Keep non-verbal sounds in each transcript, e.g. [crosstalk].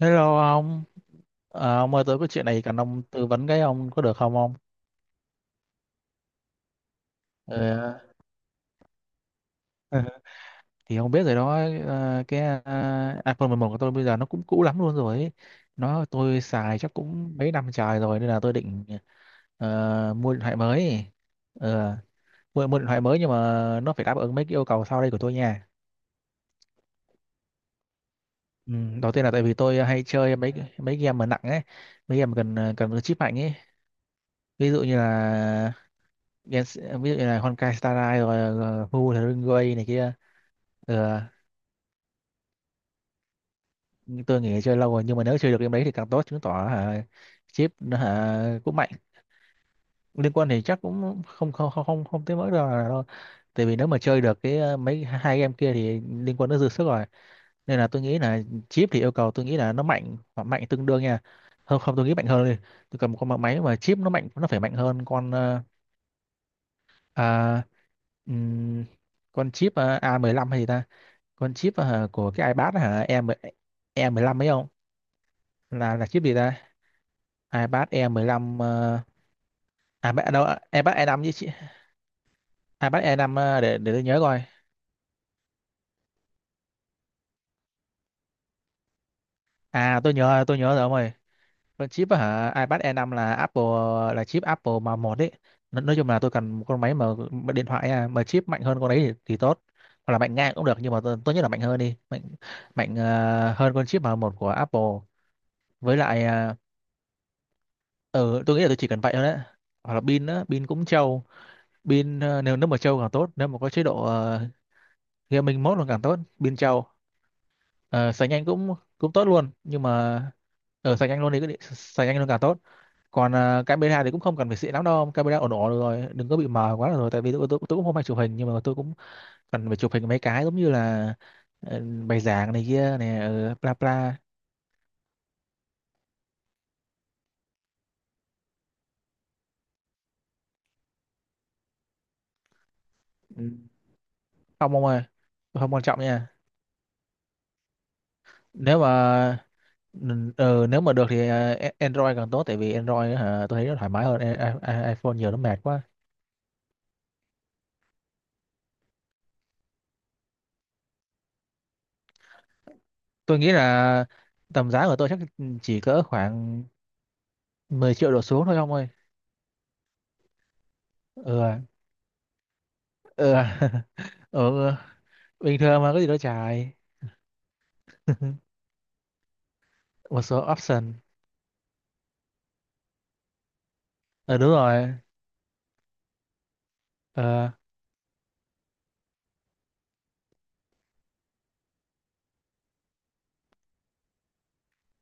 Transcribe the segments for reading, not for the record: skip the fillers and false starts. Hello ông. Ông ơi, tôi có chuyện này cần ông tư vấn cái, ông có được không ông? Ờ, Ừ. Thì ông biết rồi đó, cái iPhone 11 của tôi bây giờ nó cũng cũ lắm luôn rồi ấy. Nó tôi xài chắc cũng mấy năm trời rồi nên là tôi định mua điện thoại mới. Ờ, mua điện thoại mới nhưng mà nó phải đáp ứng mấy cái yêu cầu sau đây của tôi nha. Ừ, đầu tiên là tại vì tôi hay chơi mấy mấy game mà nặng ấy, mấy game cần cần chip mạnh ấy. Ví dụ như là Gen, ví dụ như là Honkai Star Rail rồi rồi Hu Thring Way này kia. Ừ, nhưng tôi nghĩ chơi lâu rồi, nhưng mà nếu chơi được game đấy thì càng tốt, chứng tỏ hả chip nó hả cũng mạnh. Liên quan thì chắc cũng không không không không, không tới mức đâu là đâu, tại vì nếu mà chơi được cái mấy hai game kia thì liên Quân nó dư sức rồi. Nên là tôi nghĩ là chip thì yêu cầu, tôi nghĩ là nó mạnh hoặc mạnh tương đương nha. Không không, tôi nghĩ mạnh hơn đi. Tôi cầm một con máy mà chip nó mạnh nó phải mạnh hơn con à, ừm, con chip a 15 hay gì ta. Con chip của cái iPad hả em, e 15 ấy không, là là chip gì ta. iPad E15 ờ, đâu, iPad e 5 chứ chị. iPad e 5 ờ, để tôi nhớ coi. À, tôi nhớ, tôi nhớ rồi ông ơi, con chip hả iPad e 5 là Apple, là chip Apple mà một đấy. Nói chung là tôi cần một con máy mà điện thoại à, mà chip mạnh hơn con đấy thì tốt, hoặc là mạnh ngang cũng được, nhưng mà tốt nhất là mạnh hơn đi, mạnh, mạnh hơn con chip mà một của Apple. Với lại ừ, tôi nghĩ là tôi chỉ cần vậy thôi đấy, hoặc là pin á, pin cũng trâu. Pin nếu nếu mà trâu càng tốt, nếu mà có chế độ gaming mode là càng tốt, pin trâu. Ờ, sạc nhanh cũng cũng tốt luôn, nhưng mà ở sạc nhanh luôn thì sạc nhanh luôn càng tốt. Còn camera thì cũng không cần phải xịn lắm đâu, camera ổn ổn được rồi, đừng có bị mờ quá là rồi, tại vì tôi cũng không hay chụp hình, nhưng mà tôi cũng cần phải chụp hình mấy cái giống như là bài giảng này kia này, bla bla. Ừ, không ông ơi, tôi không quan trọng nha. Nếu mà Ừ, nếu mà được thì Android càng tốt, tại vì Android á hả tôi thấy nó thoải mái hơn iPhone nhiều, nó mệt quá. Tôi nghĩ là tầm giá của tôi chắc chỉ cỡ khoảng 10 triệu đổ xuống thôi ông ơi. Ừ à, ừ, à. [laughs] Ừ, bình thường mà có gì đâu xài. [laughs] Một số option. Ờ đúng rồi. Ờ.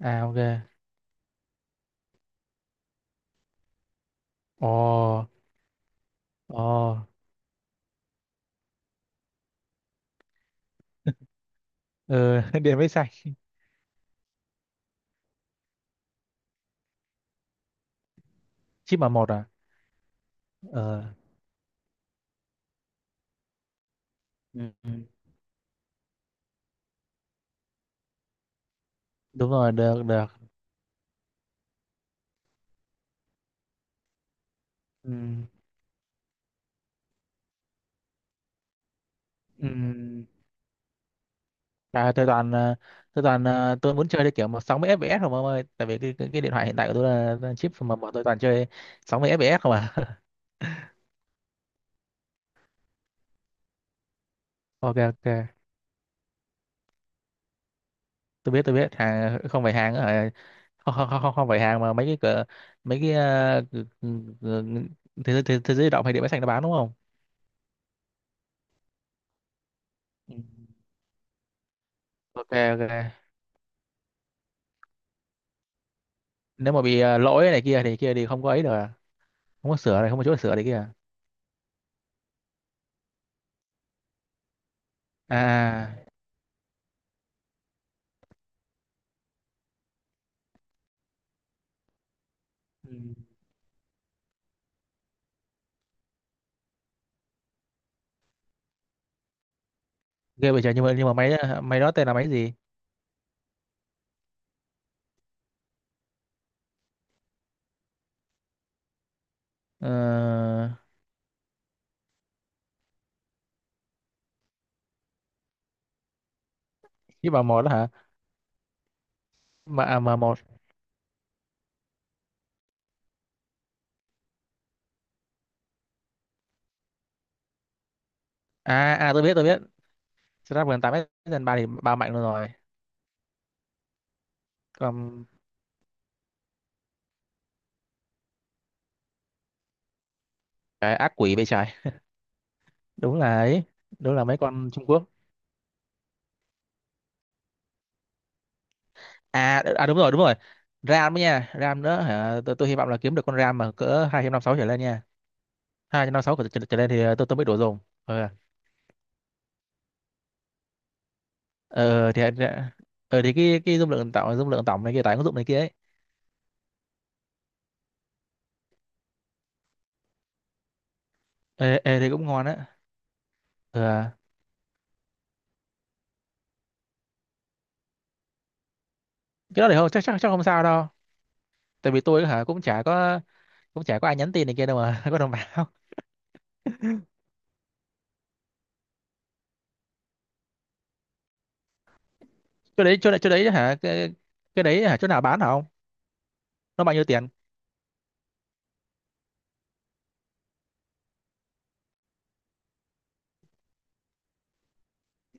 À ok. Ồ. Ồ. Ừ. [laughs] Điện máy xanh. Chip mà một à. Ờ. Ừ. Ừ. Đúng rồi, được, được. Ừ. Ừ. À, tôi toàn tôi toàn tôi muốn chơi cái kiểu mà 60 FPS không ông ơi, tại vì cái điện thoại hiện tại của tôi là chip mà bọn tôi toàn chơi 60 FPS không à. [laughs] Ok ok, tôi biết hàng không phải hàng hả? Không, không, không, không không phải hàng mà mấy cái cửa, mấy cái cử- thế giới, thế giới di động hay điện máy xanh nó bán đúng không? Ừ. Ok ok. Nếu mà bị lỗi này kia thì không có ấy được à? Không có sửa này, không có chỗ để sửa này kia à? À. Ừ. Ghê bây giờ, nhưng mà máy máy đó tên là máy gì? Ờ, chip vào một đó hả? M m một. À à, tôi biết tôi biết. Snapdragon 8S Gen 3 thì ba mạnh luôn rồi. Còn cái ác quỷ bên trái, đúng là ấy, đúng là mấy con Trung Quốc. À đúng rồi, đúng rồi. RAM ấy nha, RAM nữa hả, tôi hy vọng là kiếm được con RAM mà cỡ 256 trở lên nha. 256 trở lên thì ờ, tôi mới đủ dùng. Ờ. Ờ thì thì cái dung lượng tổng, dung lượng tổng này kia, tải ứng dụng này kia ấy. Ê, ê, Thì cũng ngon á. Ờ. Cái đó thì không, chắc chắc chắc không sao đâu, tại vì tôi hả cũng chả có, cũng chả có ai nhắn tin này kia đâu mà. [laughs] Có đồng bào. Chỗ đấy hả cái đấy hả, chỗ nào bán hả ông? Nó bao nhiêu tiền?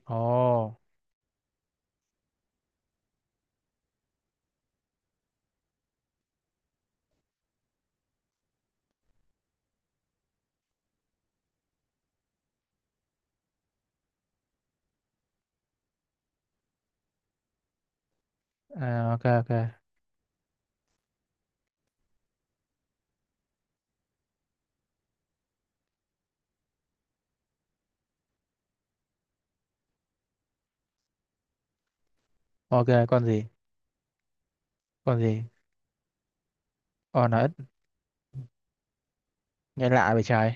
Ồ. À, ok ok. Ok, con gì? Con gì? Ồ nó ít. Nghe lạ vậy trời.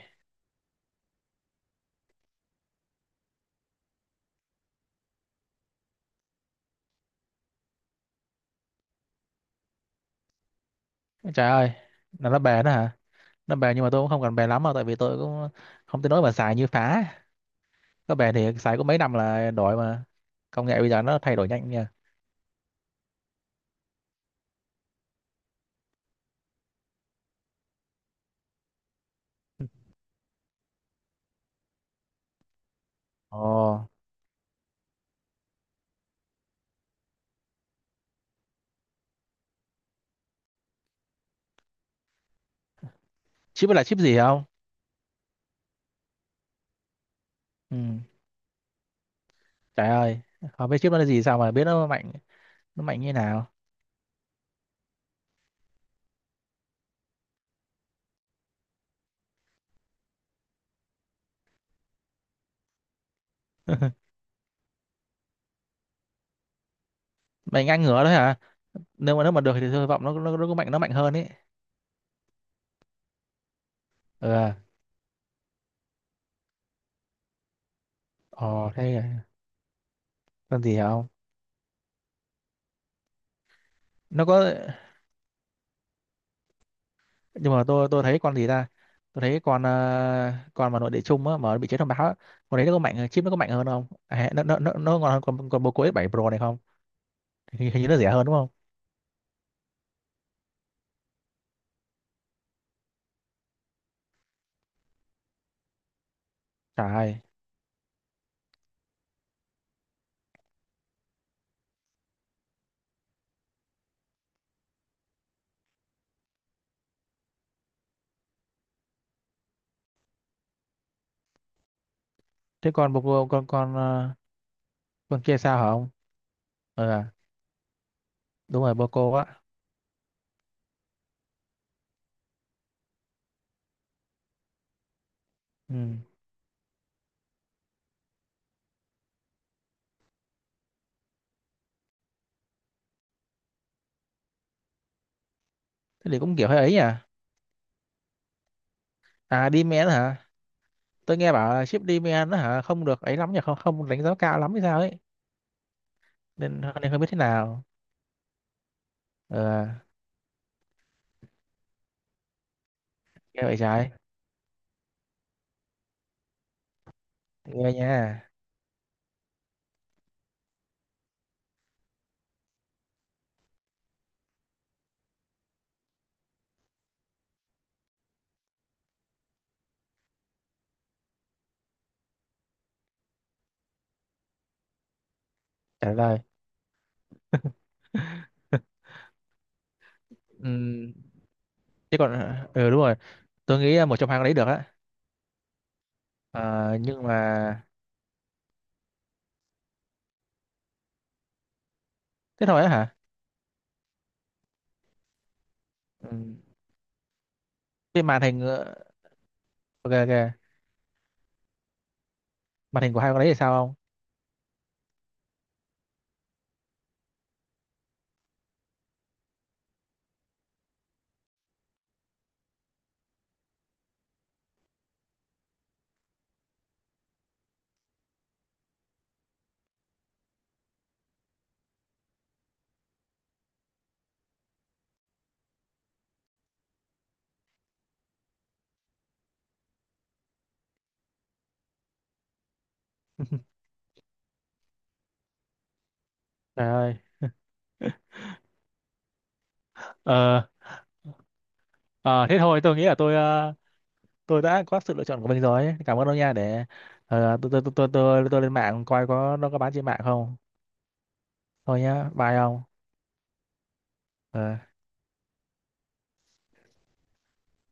Trời ơi, là nó bền đó hả? Nó bền nhưng mà tôi cũng không cần bền lắm đâu, tại vì tôi cũng không tới nỗi mà xài như phá, có bền thì xài có mấy năm là đổi mà, công nghệ bây giờ nó thay đổi nhanh nha. Ồ, chip là chip gì không? Ừ. Trời ơi, không biết chip nó là gì sao mà biết nó mạnh, nó mạnh như nào. [laughs] Mạnh ngang ngửa đấy hả? Nếu mà nó mà được thì tôi hy vọng nó có mạnh, nó mạnh hơn ý. Ờ. Ờ. Thế à. Con gì hả không? Nó có. Nhưng mà tôi thấy con gì ta, tôi thấy con ờ, con mà nội địa chung á mà bị chế thông báo á, con đấy nó có mạnh hơn, chip nó có mạnh hơn không à, nó ngon hơn con bô cô s 7 Pro này không? Hình như nó rẻ hơn đúng không? Trời ơi. Thế con con ờ, con kia sao hả không? Ờ đúng rồi, bô cô á. Ừ. Thế thì cũng kiểu hơi ấy à. À Demand hả? Tôi nghe bảo là chip Demand nó hả không được ấy lắm nhỉ, không không đánh giá cao lắm hay sao ấy, nên nên không biết thế nào. Ờ, nghe vậy trái. Nghe nha. Trả lời. Ừm, chứ còn ừ đúng rồi, tôi nghĩ một trong hai con đấy được á. Ờ, nhưng mà thế thôi á hả. Ừm, cái màn hình ờ, ok ok, màn hình của hai con đấy thì sao không? Trời ơi. Ờ. Ờ, thế thôi tôi nghĩ là tôi ờ, tôi đã có sự lựa chọn của mình rồi, cảm ơn ông nha. Để tôi, tôi lên mạng coi có nó có bán trên mạng không. Thôi nhá, bye ông. Ờ.